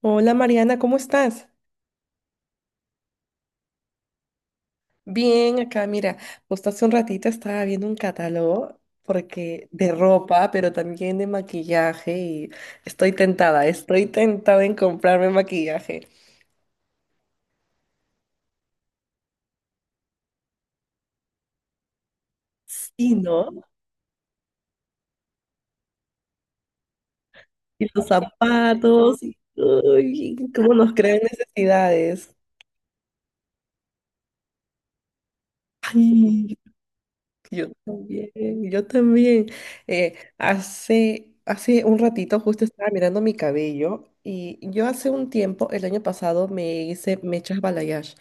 Hola Mariana, ¿cómo estás? Bien, acá mira, justo hace un ratito estaba viendo un catálogo porque de ropa, pero también de maquillaje y estoy tentada en comprarme maquillaje. Sí, ¿no? Y los zapatos, y uy, cómo nos crean necesidades. Ay, yo también, yo también. Hace un ratito justo estaba mirando mi cabello y yo hace un tiempo, el año pasado, me hice mechas balayage.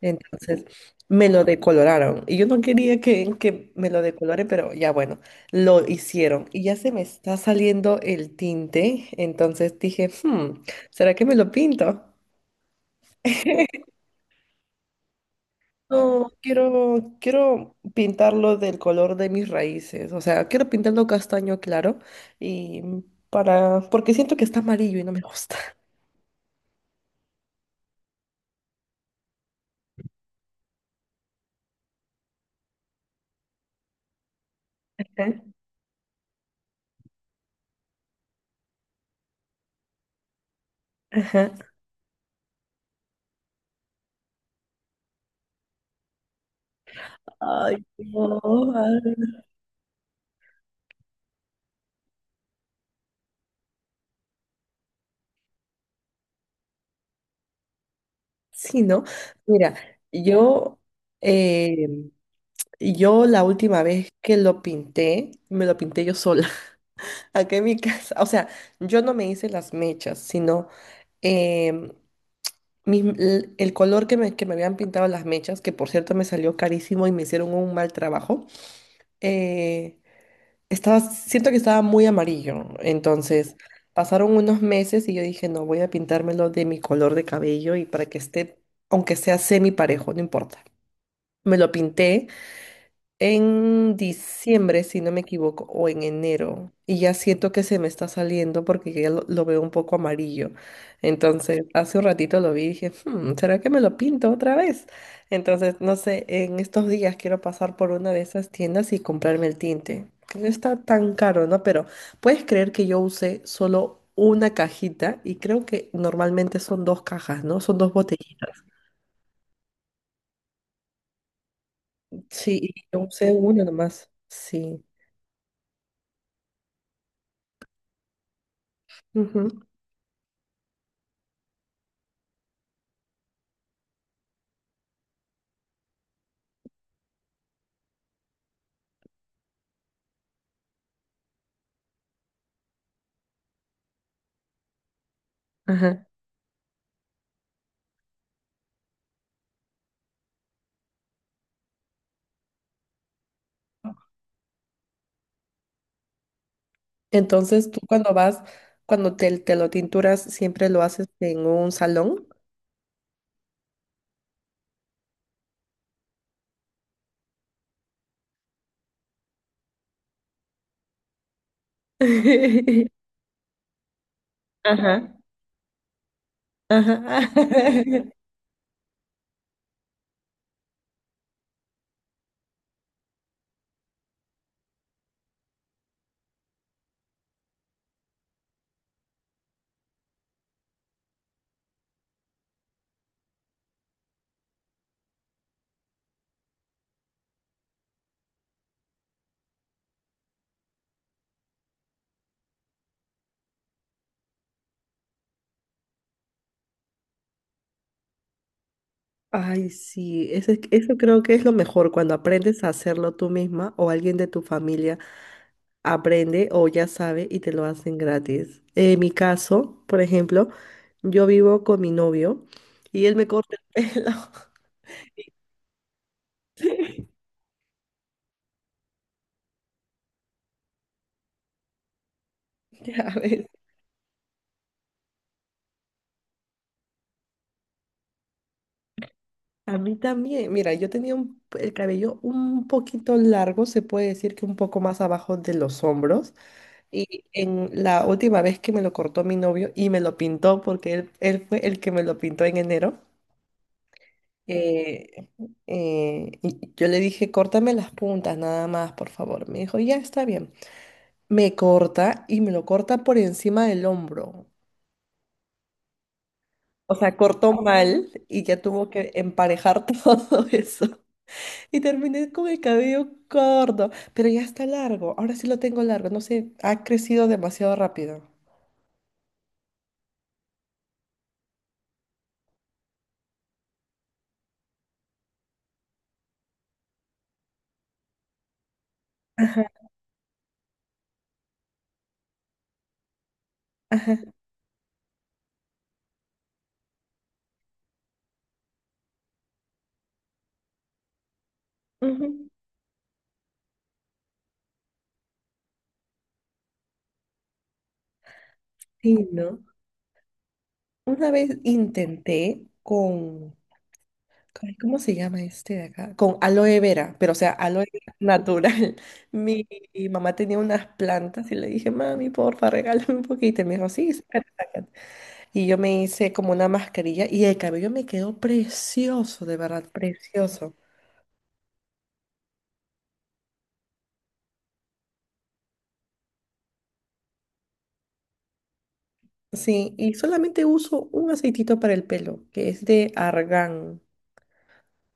Entonces me lo decoloraron y yo no quería que me lo decoloren, pero ya bueno, lo hicieron y ya se me está saliendo el tinte. Entonces dije, ¿será que me lo pinto? No, quiero, quiero pintarlo del color de mis raíces. O sea, quiero pintarlo castaño claro y para, porque siento que está amarillo y no me gusta. Ajá. Ajá. Ay, no. Ay. Sí, ¿no? Mira, yo, eh, yo la última vez que lo pinté, me lo pinté yo sola, acá en mi casa. O sea, yo no me hice las mechas, sino em, el color que me habían pintado las mechas, que por cierto me salió carísimo y me hicieron un mal trabajo, eh, siento que estaba muy amarillo. Entonces pasaron unos meses y yo dije, no, voy a pintármelo de mi color de cabello y para que esté, aunque sea semi parejo, no importa. Me lo pinté en diciembre, si no me equivoco, o en enero, y ya siento que se me está saliendo porque ya lo veo un poco amarillo. Entonces, hace un ratito lo vi y dije, ¿será que me lo pinto otra vez? Entonces, no sé, en estos días quiero pasar por una de esas tiendas y comprarme el tinte, que no está tan caro, ¿no? Pero puedes creer que yo usé solo una cajita y creo que normalmente son dos cajas, ¿no? Son dos botellitas. Sí, y yo usé una nomás. Sí. Ujú. Ajá. Entonces, tú cuando vas, cuando te lo tinturas, siempre lo haces en un salón. Ajá, ajá. Ay, sí, eso, eso creo que es lo mejor cuando aprendes a hacerlo tú misma o alguien de tu familia aprende o ya sabe y te lo hacen gratis. En mi caso, por ejemplo, yo vivo con mi novio y él me corta el pelo. Ya ves. A mí también, mira, yo tenía el cabello un poquito largo, se puede decir que un poco más abajo de los hombros. Y en la última vez que me lo cortó mi novio y me lo pintó, porque él fue el que me lo pintó en enero, eh, y yo le dije, córtame las puntas nada más, por favor. Me dijo, ya está bien. Me corta y me lo corta por encima del hombro. O sea, cortó mal y ya tuvo que emparejar todo eso. Y terminé con el cabello corto, pero ya está largo. Ahora sí lo tengo largo, no sé, ha crecido demasiado rápido. Ajá, ajá. Ujú. Sí, ¿no? Una vez intenté con, ay, ¿cómo se llama este de acá? Con aloe vera, pero o sea, aloe vera natural. Mi, Mamá tenía unas plantas y le dije, mami, porfa, regálame un poquito. Y me dijo, sí, sácate". Y yo me hice como una mascarilla y el cabello me quedó precioso, de verdad, precioso. Sí, y solamente uso un aceitito para el pelo, que es de argán,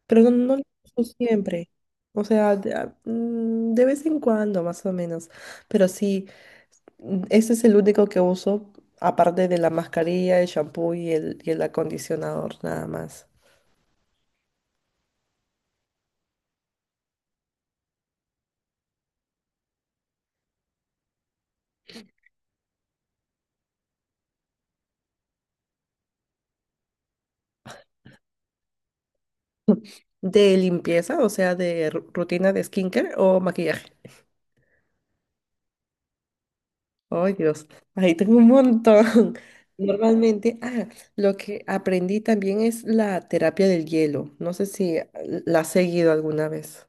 pero no, no lo uso siempre. O sea, de vez en cuando, más o menos. Pero sí, ese es el único que uso, aparte de la mascarilla, el shampoo y el acondicionador, nada más. ¿De limpieza, o sea, de rutina de skincare o maquillaje? Ay, Dios, ahí tengo un montón. Normalmente, lo que aprendí también es la terapia del hielo. No sé si la has seguido alguna vez.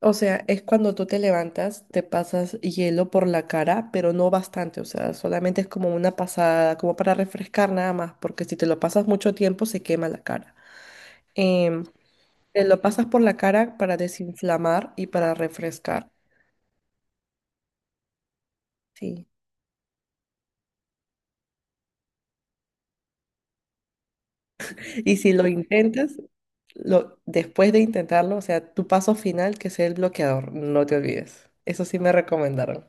O sea, es cuando tú te levantas, te pasas hielo por la cara, pero no bastante. O sea, solamente es como una pasada, como para refrescar nada más, porque si te lo pasas mucho tiempo se quema la cara. Em, Te lo pasas por la cara para desinflamar y para refrescar. Sí. Y si lo intentas, lo, después de intentarlo, o sea, tu paso final, que sea el bloqueador, no te olvides. Eso sí me recomendaron.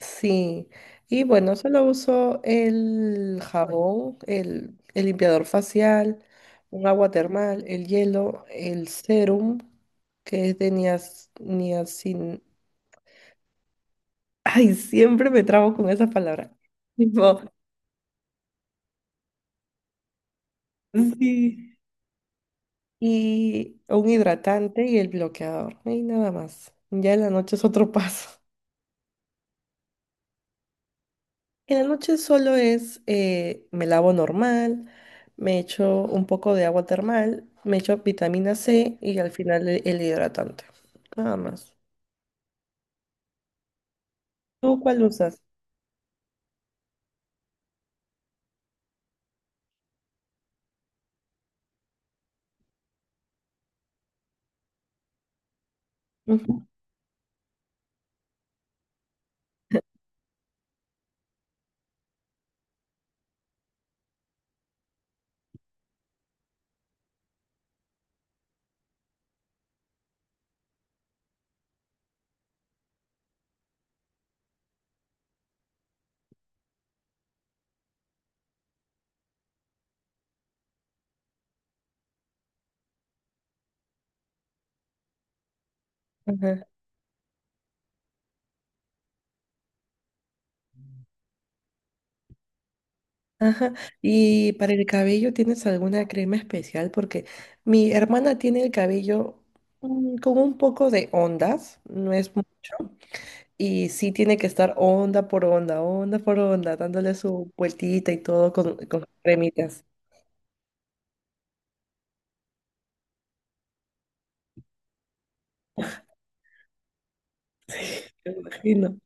Sí, y bueno, solo uso el jabón, el limpiador facial, un agua termal, el hielo, el serum, que es de niacin... Ay, siempre me trabo con esa palabra. Tipo, sí. Y un hidratante y el bloqueador. Y nada más. Ya en la noche es otro paso. En la noche solo es, me lavo normal, me echo un poco de agua termal, me echo vitamina C y al final el hidratante. Nada más. ¿Tú cuál usas? Ujú. Ajá, ajá. Y para el cabello, ¿tienes alguna crema especial? Porque mi hermana tiene el cabello con un poco de ondas, no es mucho, y sí tiene que estar onda por onda, dándole su vueltita y todo con cremitas. Me imagino.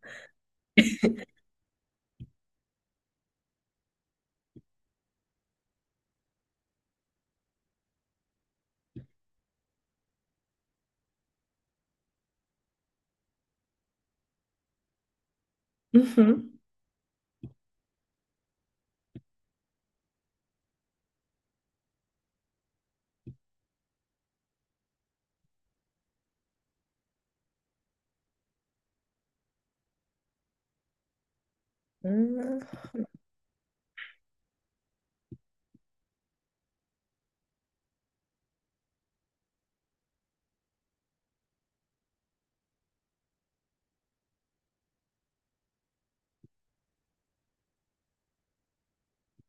Ujú. Mm,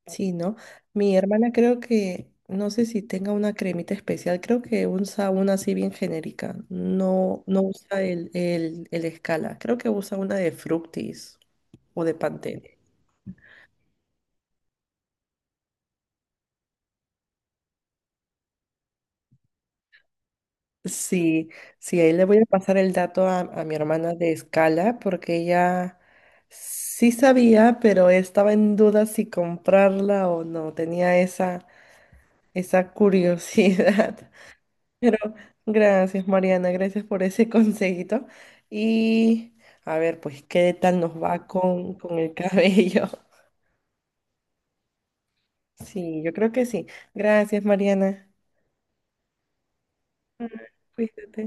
sí, ¿no? Mi hermana creo que, no sé si tenga una cremita especial, creo que usa una así bien genérica, no, no usa el escala, creo que usa una de Fructis o de Pantene. Sí, sí, ahí le voy a pasar el dato a mi hermana de escala porque ella sí sabía, pero estaba en duda si comprarla o no, tenía esa curiosidad. Pero gracias, Mariana, gracias por ese consejito. Y a ver, pues, ¿qué tal nos va con el cabello? Sí, yo creo que sí. Gracias, Mariana. Cuídate.